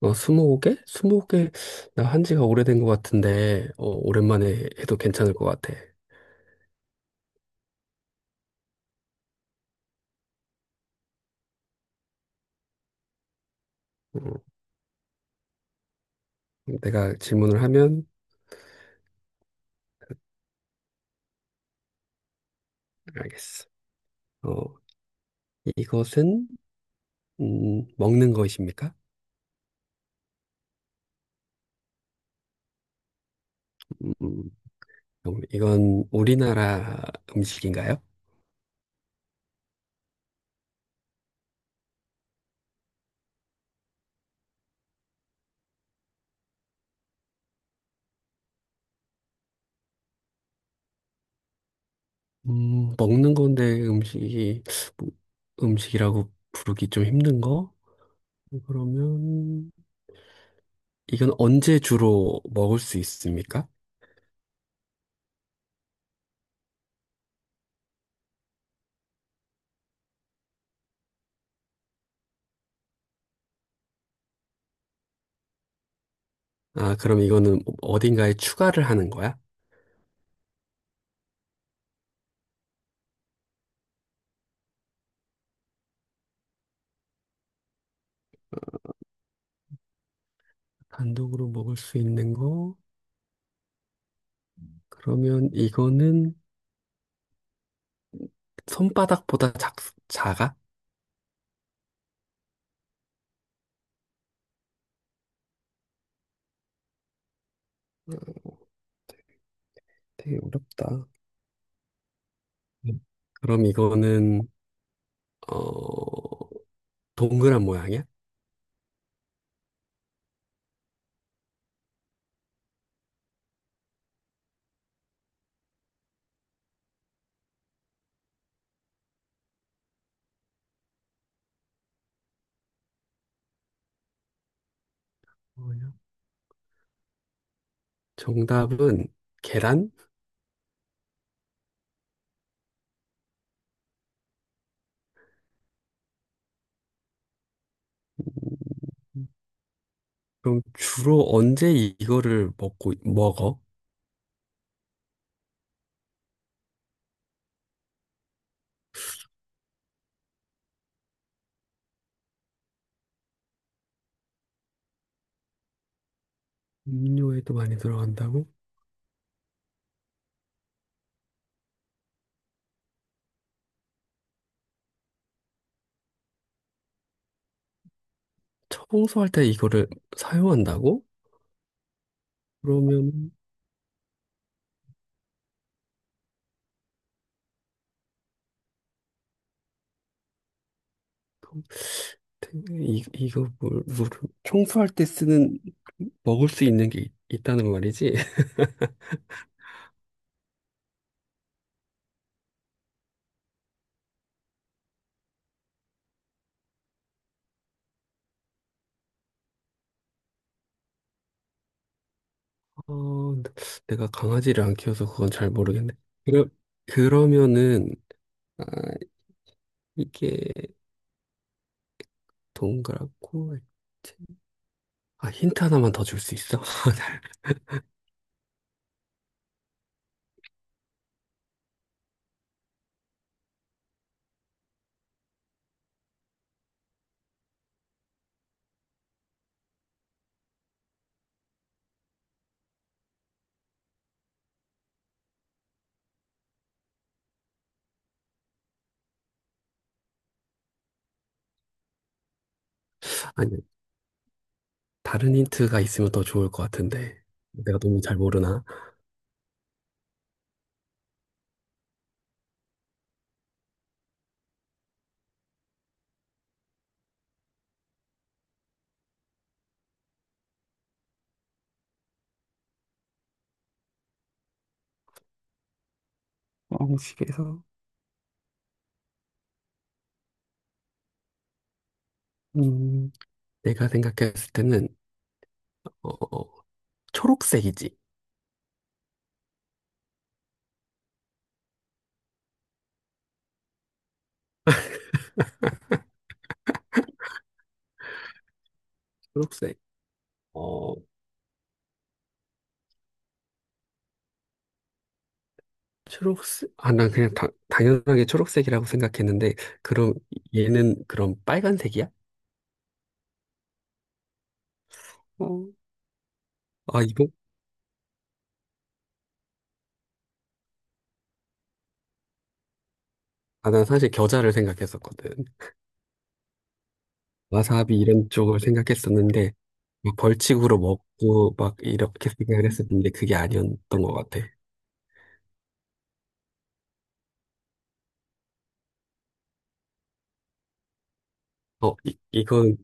스무 개? 나 한 지가 오래된 것 같은데, 오랜만에 해도 괜찮을 것 같아. 음, 내가 질문을 하면, 알겠어. 어, 이것은, 먹는 것입니까? 음, 그럼 이건 우리나라 음식인가요? 먹는 건데 음식이, 뭐, 음식이라고 부르기 좀 힘든 거? 그러면, 이건 언제 주로 먹을 수 있습니까? 아, 그럼 이거는 어딘가에 추가를 하는 거야? 단독으로 먹을 수 있는 거? 그러면 이거는 손바닥보다 작아? 어, 되게 어렵다. 음. 그럼 이거는, 어, 동그란 모양이야? 뭐야? 정답은 계란? 그럼 주로 언제 이거를 먹고, 먹어? 음료에도 많이 들어간다고? 청소할 때 이거를 사용한다고? 그러면, 통- 이거 물, 청소할 때 쓰는, 먹을 수 있는 게 있다는 말이지? 어, 내가 강아지를 안 키워서 그건 잘 모르겠네. 그러, 그러면은, 아, 이게 동그랗고, 알지? 아, 힌트 하나만 더 줄 수 있어? 아니, 다른 힌트가 있으면 더 좋을 것 같은데. 내가 너무 잘 모르나? 음식에서 음, 내가 생각했을 때는, 어, 어, 초록색이지. 초록색. 어, 초록색? 아, 난 그냥 당연하게 초록색이라고 생각했는데, 그럼 얘는 그럼 빨간색이야? 어, 아, 난 사실 겨자를 생각했었거든. 와사비 이런 쪽을 생각했었는데, 막 벌칙으로 먹고 막 이렇게 생각을 했었는데, 그게 아니었던 것 같아. 이건,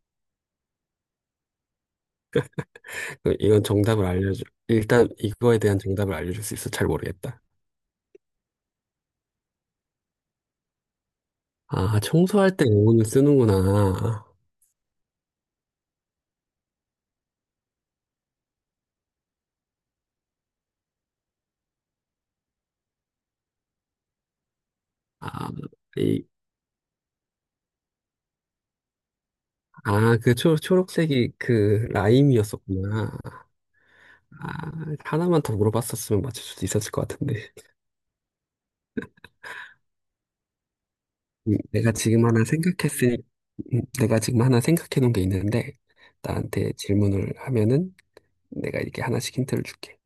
그, 이건 정답을 알려줘. 일단 이거에 대한 정답을 알려줄 수 있어? 잘 모르겠다. 아, 청소할 때 영혼을 쓰는구나. 아, 이, 아, 그 초록색이 그 라임이었었구나. 아, 하나만 더 물어봤었으면 맞출 수도 있었을 것 같은데. 음, 내가 지금 하나 생각했을, 내가 지금 하나 생각해 놓은 게 있는데, 나한테 질문을 하면은 내가 이렇게 하나씩 힌트를 줄게.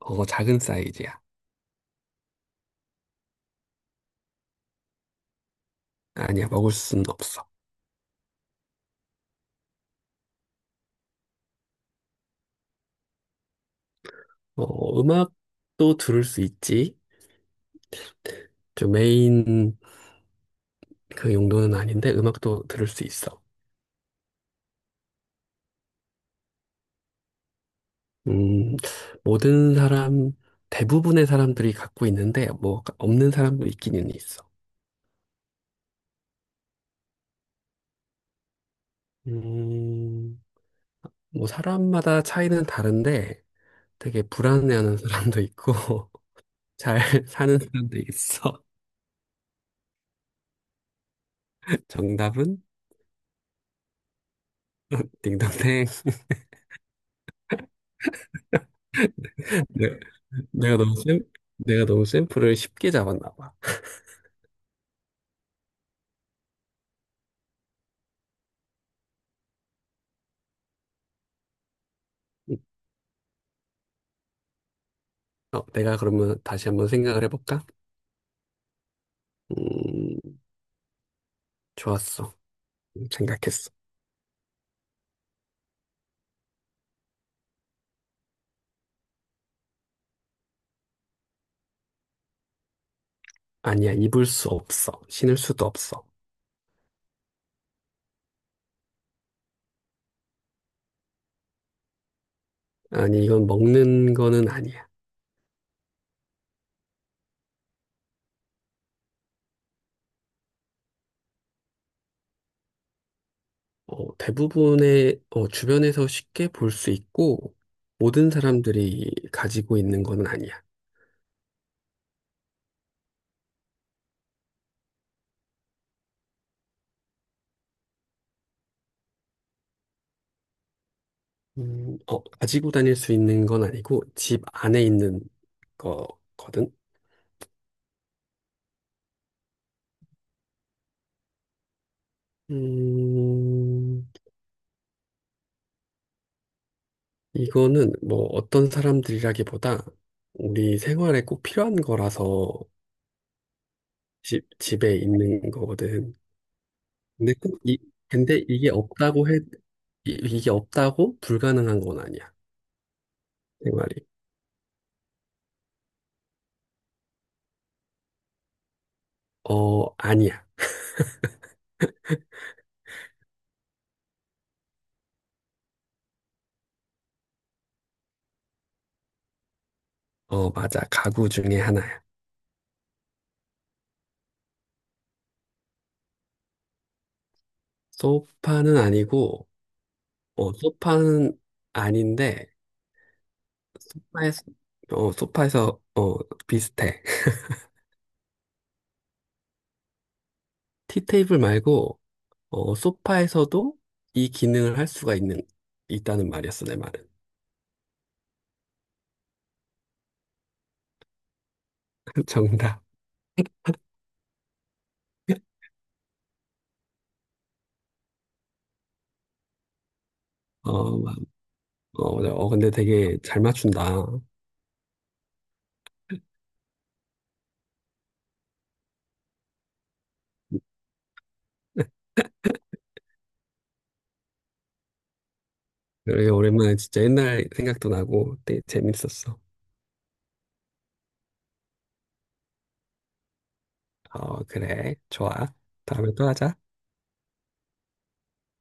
어, 작은 사이즈야. 아니야, 먹을 수는 없어. 어, 음악도 들을 수 있지. 좀 메인 그 용도는 아닌데, 음악도 들을 수 있어. 음, 모든 사람, 대부분의 사람들이 갖고 있는데, 뭐, 없는 사람도 있기는 있어. 음, 뭐, 사람마다 차이는 다른데, 되게 불안해하는 사람도 있고 잘 사는 사람도 있어. 정답은 딩동댕. 내- 내가 너무 샘, 내가 너무 샘플을 쉽게 잡았나 봐. 음, 내가 그러면 다시 한번 생각을 해볼까? 음, 좋았어. 생각했어. 아니야, 입을 수 없어. 신을 수도 없어. 아니, 이건 먹는 거는 아니야. 어, 대부분의 주변에서 쉽게 볼 수 있고 모든 사람들이 가지고 있는 거는 아니야. 가지고 다닐 수 있는 건 아니고 집 안에 있는 거거든. 음, 이거는 뭐 어떤 사람들이라기보다 우리 생활에 꼭 필요한 거라서 집에 있는 거거든. 근데 꼭 이, 근데 이게 없다고 해, 이게 없다고 불가능한 건 아니야. 생활이. 어, 아니야. 어, 맞아. 가구 중에 하나야. 소파는 아니고, 어, 소파는 아닌데, 에서 어, 소파에서, 비슷해. 티테이블 말고, 어, 소파에서도 이 기능을 할 수가 있다는 말이었어, 내 말은. 정답. 어, 막, 어, 맞아. 어, 근데 되게 잘 맞춘다. 그래, 오랜만에 진짜 옛날 생각도 나고 되게 재밌었어. 어, 그래. 좋아. 다음에 또 하자.